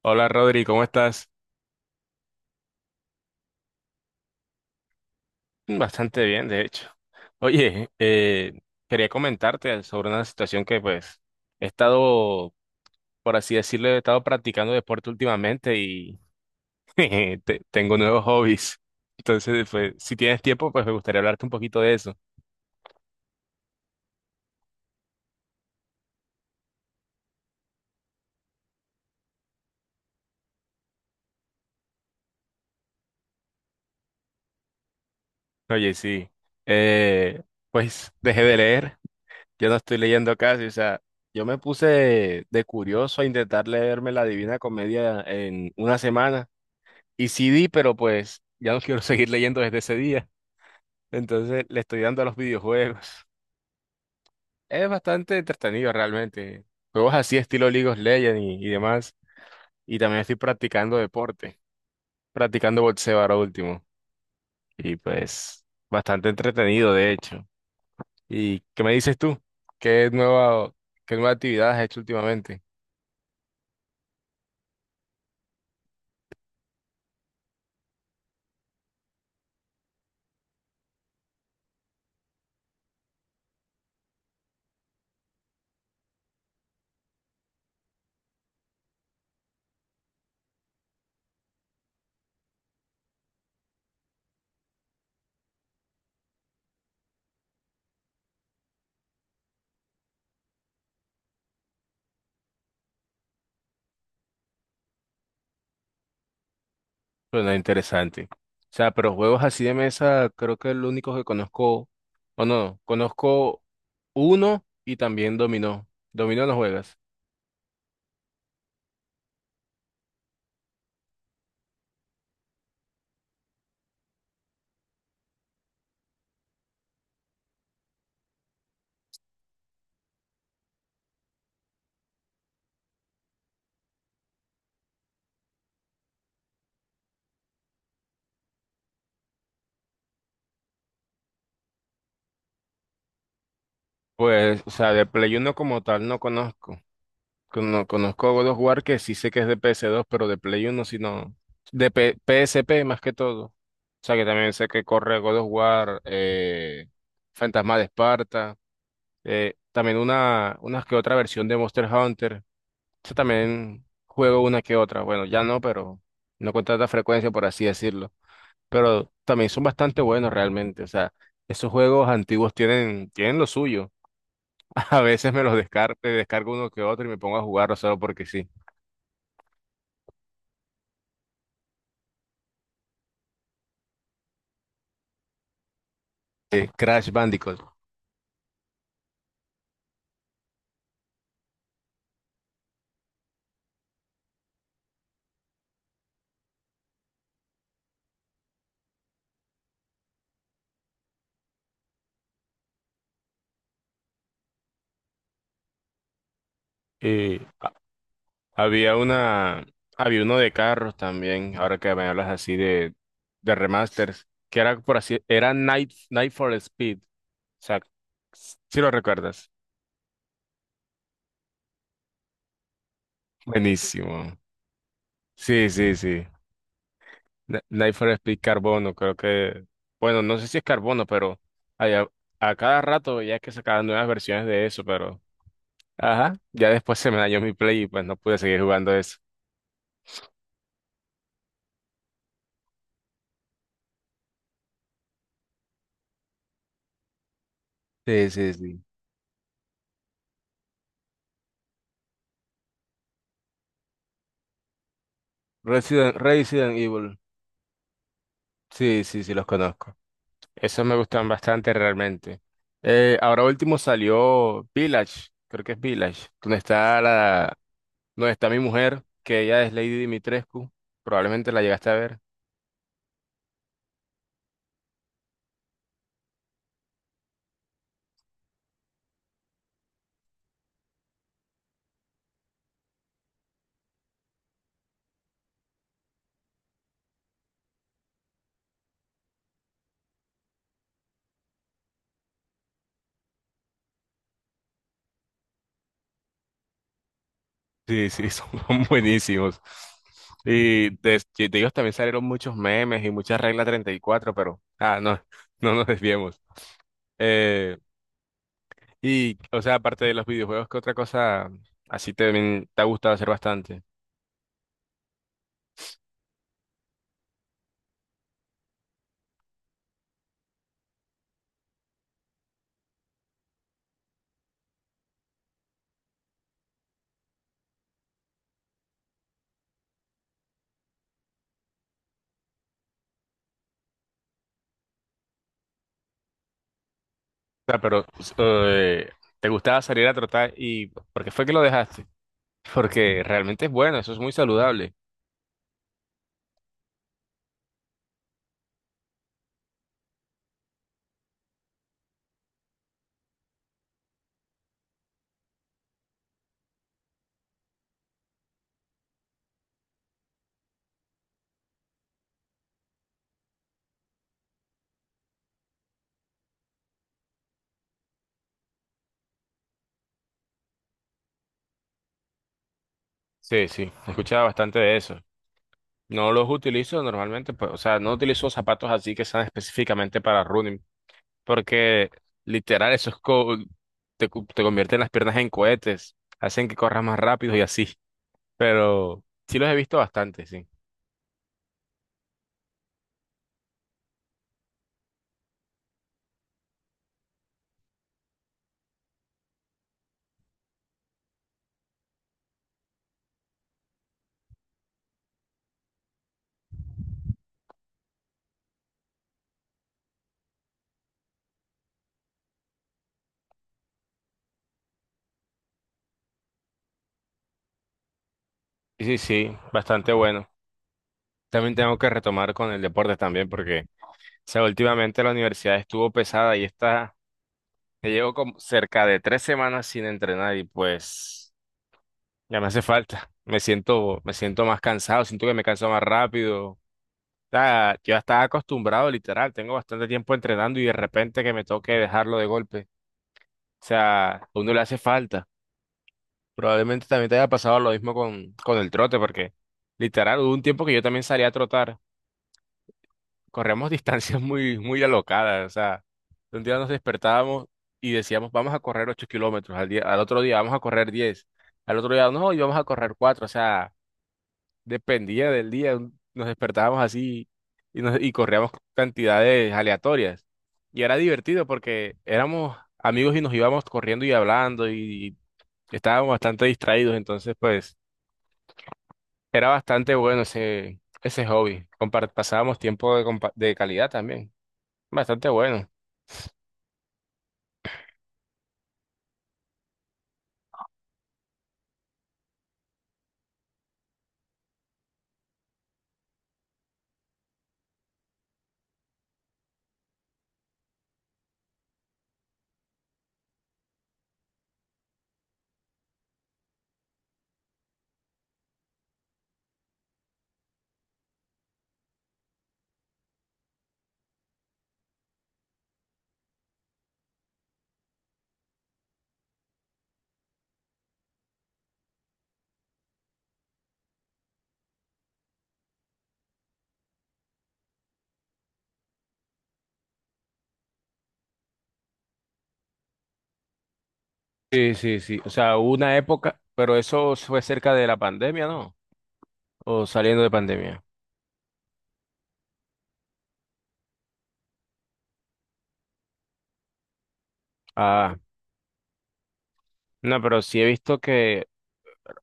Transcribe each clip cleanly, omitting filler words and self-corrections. Hola Rodri, ¿cómo estás? Bastante bien, de hecho. Oye, quería comentarte sobre una situación que pues he estado, por así decirlo, he estado practicando deporte últimamente y tengo nuevos hobbies. Entonces, pues, si tienes tiempo, pues me gustaría hablarte un poquito de eso. Oye, sí. Eh, pues dejé de leer, yo no estoy leyendo casi, o sea, yo me puse de curioso a intentar leerme la Divina Comedia en una semana. Y CD, pero pues ya no quiero seguir leyendo desde ese día. Entonces le estoy dando a los videojuegos. Es bastante entretenido realmente. Juegos así estilo League of Legends y demás. Y también estoy practicando deporte, practicando boxeo ahora último. Y pues bastante entretenido de hecho. ¿Y qué me dices tú? ¿Qué nueva, ¿qué nueva actividad has hecho últimamente? Suena interesante. O sea, pero juegos así de mesa, creo que el único que conozco, o no, conozco uno y también dominó. Dominó no juegas. Pues, o sea, de Play uno como tal no conozco. No conozco God of War, que sí sé que es de ps dos, pero de Play uno sí no. PSP más que todo. O sea, que también sé que corre God of War, Fantasma de Esparta, también una que otra versión de Monster Hunter. Yo también juego una que otra. Bueno, ya no, pero no con tanta frecuencia, por así decirlo. Pero también son bastante buenos realmente. O sea, esos juegos antiguos tienen lo suyo. A veces me los descargo, descargo uno que otro y me pongo a jugarlo solo porque sí. Crash Bandicoot. Y había una, Había uno de carros también, ahora que me hablas así de remasters, que era por así, era Night for Speed. O sea, si lo recuerdas. Buenísimo. Sí, sí, sí. Nifer es Split Carbono, creo que, bueno, no sé si es carbono, pero allá- a, cada rato ya que sacaban nuevas versiones de eso, pero, ajá, ya después se me dañó mi play y pues no pude seguir jugando eso. Sí, sí, sí. Resident Evil, sí, sí, sí, los conozco. Esos me gustan bastante realmente. Ahora último salió Village, creo que es Village, donde está mi mujer, que ella es Lady Dimitrescu, probablemente la llegaste a ver. Sí, sí, son buenísimos. Y de te digo, también salieron muchos memes y muchas reglas 34, pero ah, no, no nos desviemos. Eh, y, o sea, aparte de los videojuegos, ¿qué otra cosa así te ha gustado hacer bastante? O sea, pero eh, te gustaba salir a trotar y ¿por qué fue que lo dejaste? Porque realmente es bueno, eso es muy saludable. Sí, sí, he escuchado bastante de eso. No los utilizo normalmente, pues, o sea, no utilizo zapatos así que sean específicamente para running, porque literal, eso es te convierten las piernas en cohetes, hacen que corras más rápido y así. Pero sí los he visto bastante, sí. Y sí, sí, bastante bueno. También tengo que retomar con el deporte también, porque, o sea, últimamente la universidad estuvo pesada y está, ya llevo como cerca de 3 semanas sin entrenar y pues ya me hace falta. Me siento más cansado, siento que me canso más rápido, sea, yo ya estaba acostumbrado, literal, tengo bastante tiempo entrenando y de repente que me toque dejarlo de golpe. O sea, a uno le hace falta. Probablemente también te haya pasado lo mismo con el trote, porque literal, hubo un tiempo que yo también salía a trotar. Corremos distancias muy alocadas. O sea, un día nos despertábamos y decíamos, vamos a correr 8 kilómetros al día, al otro día vamos a correr 10, al otro día no, y vamos a correr 4. O sea, dependía del día. Nos despertábamos así y corríamos cantidades aleatorias. Y era divertido porque éramos amigos y nos íbamos corriendo y hablando y estábamos bastante distraídos. Entonces, pues, era bastante bueno ese hobby. Pasábamos tiempo de calidad también. Bastante bueno. Sí, sí, sí. O sea, hubo una época, pero eso fue cerca de la pandemia, ¿no? O saliendo de pandemia. Ah, no, pero sí he visto que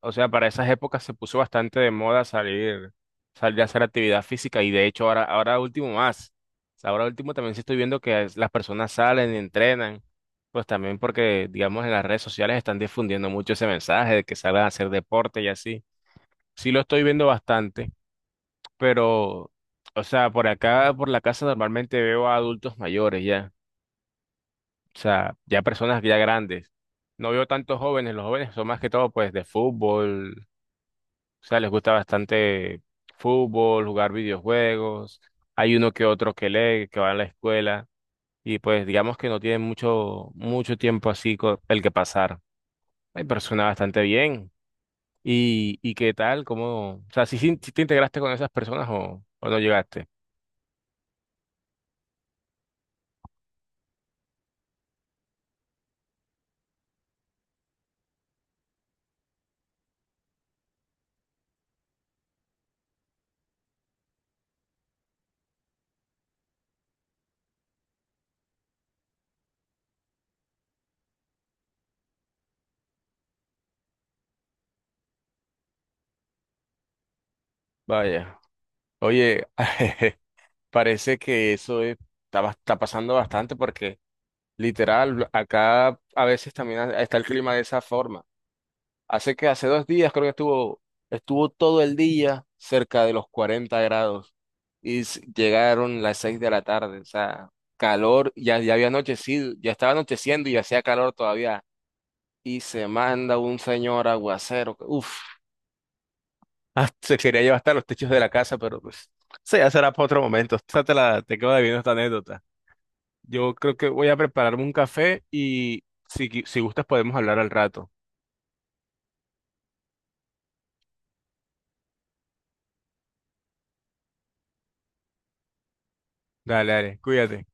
o sea, para esas épocas se puso bastante de moda salir, salir a hacer actividad física y de hecho ahora último más. O sea, ahora último también sí estoy viendo que las personas salen y entrenan, pues también porque, digamos, en las redes sociales están difundiendo mucho ese mensaje de que salgan a hacer deporte y así. Sí lo estoy viendo bastante, pero, o sea, por acá, por la casa normalmente veo a adultos mayores ya, o sea, ya personas ya grandes. No veo tantos jóvenes, los jóvenes son más que todo pues de fútbol. O sea, les gusta bastante fútbol, jugar videojuegos. Hay uno que otro que lee, que va a la escuela. Y pues digamos que no tienen mucho tiempo así el que pasar. Hay personas bastante bien. Y qué tal? ¿Cómo? O sea, si si te integraste con esas personas o no llegaste? Vaya, oye, parece que está, está pasando bastante porque literal, acá a veces también está el clima de esa forma. Hace que hace 2 días creo que estuvo, estuvo todo el día cerca de los 40 grados y llegaron las 6 de la tarde, o sea, calor, ya, ya había anochecido, ya estaba anocheciendo y hacía calor todavía. Y se manda un señor aguacero, que, uff, se quería llevar hasta los techos de la casa, pero pues, sí ya será para otro momento. Te quedo debiendo esta anécdota. Yo creo que voy a prepararme un café y si, si gustas podemos hablar al rato. Dale, dale, cuídate.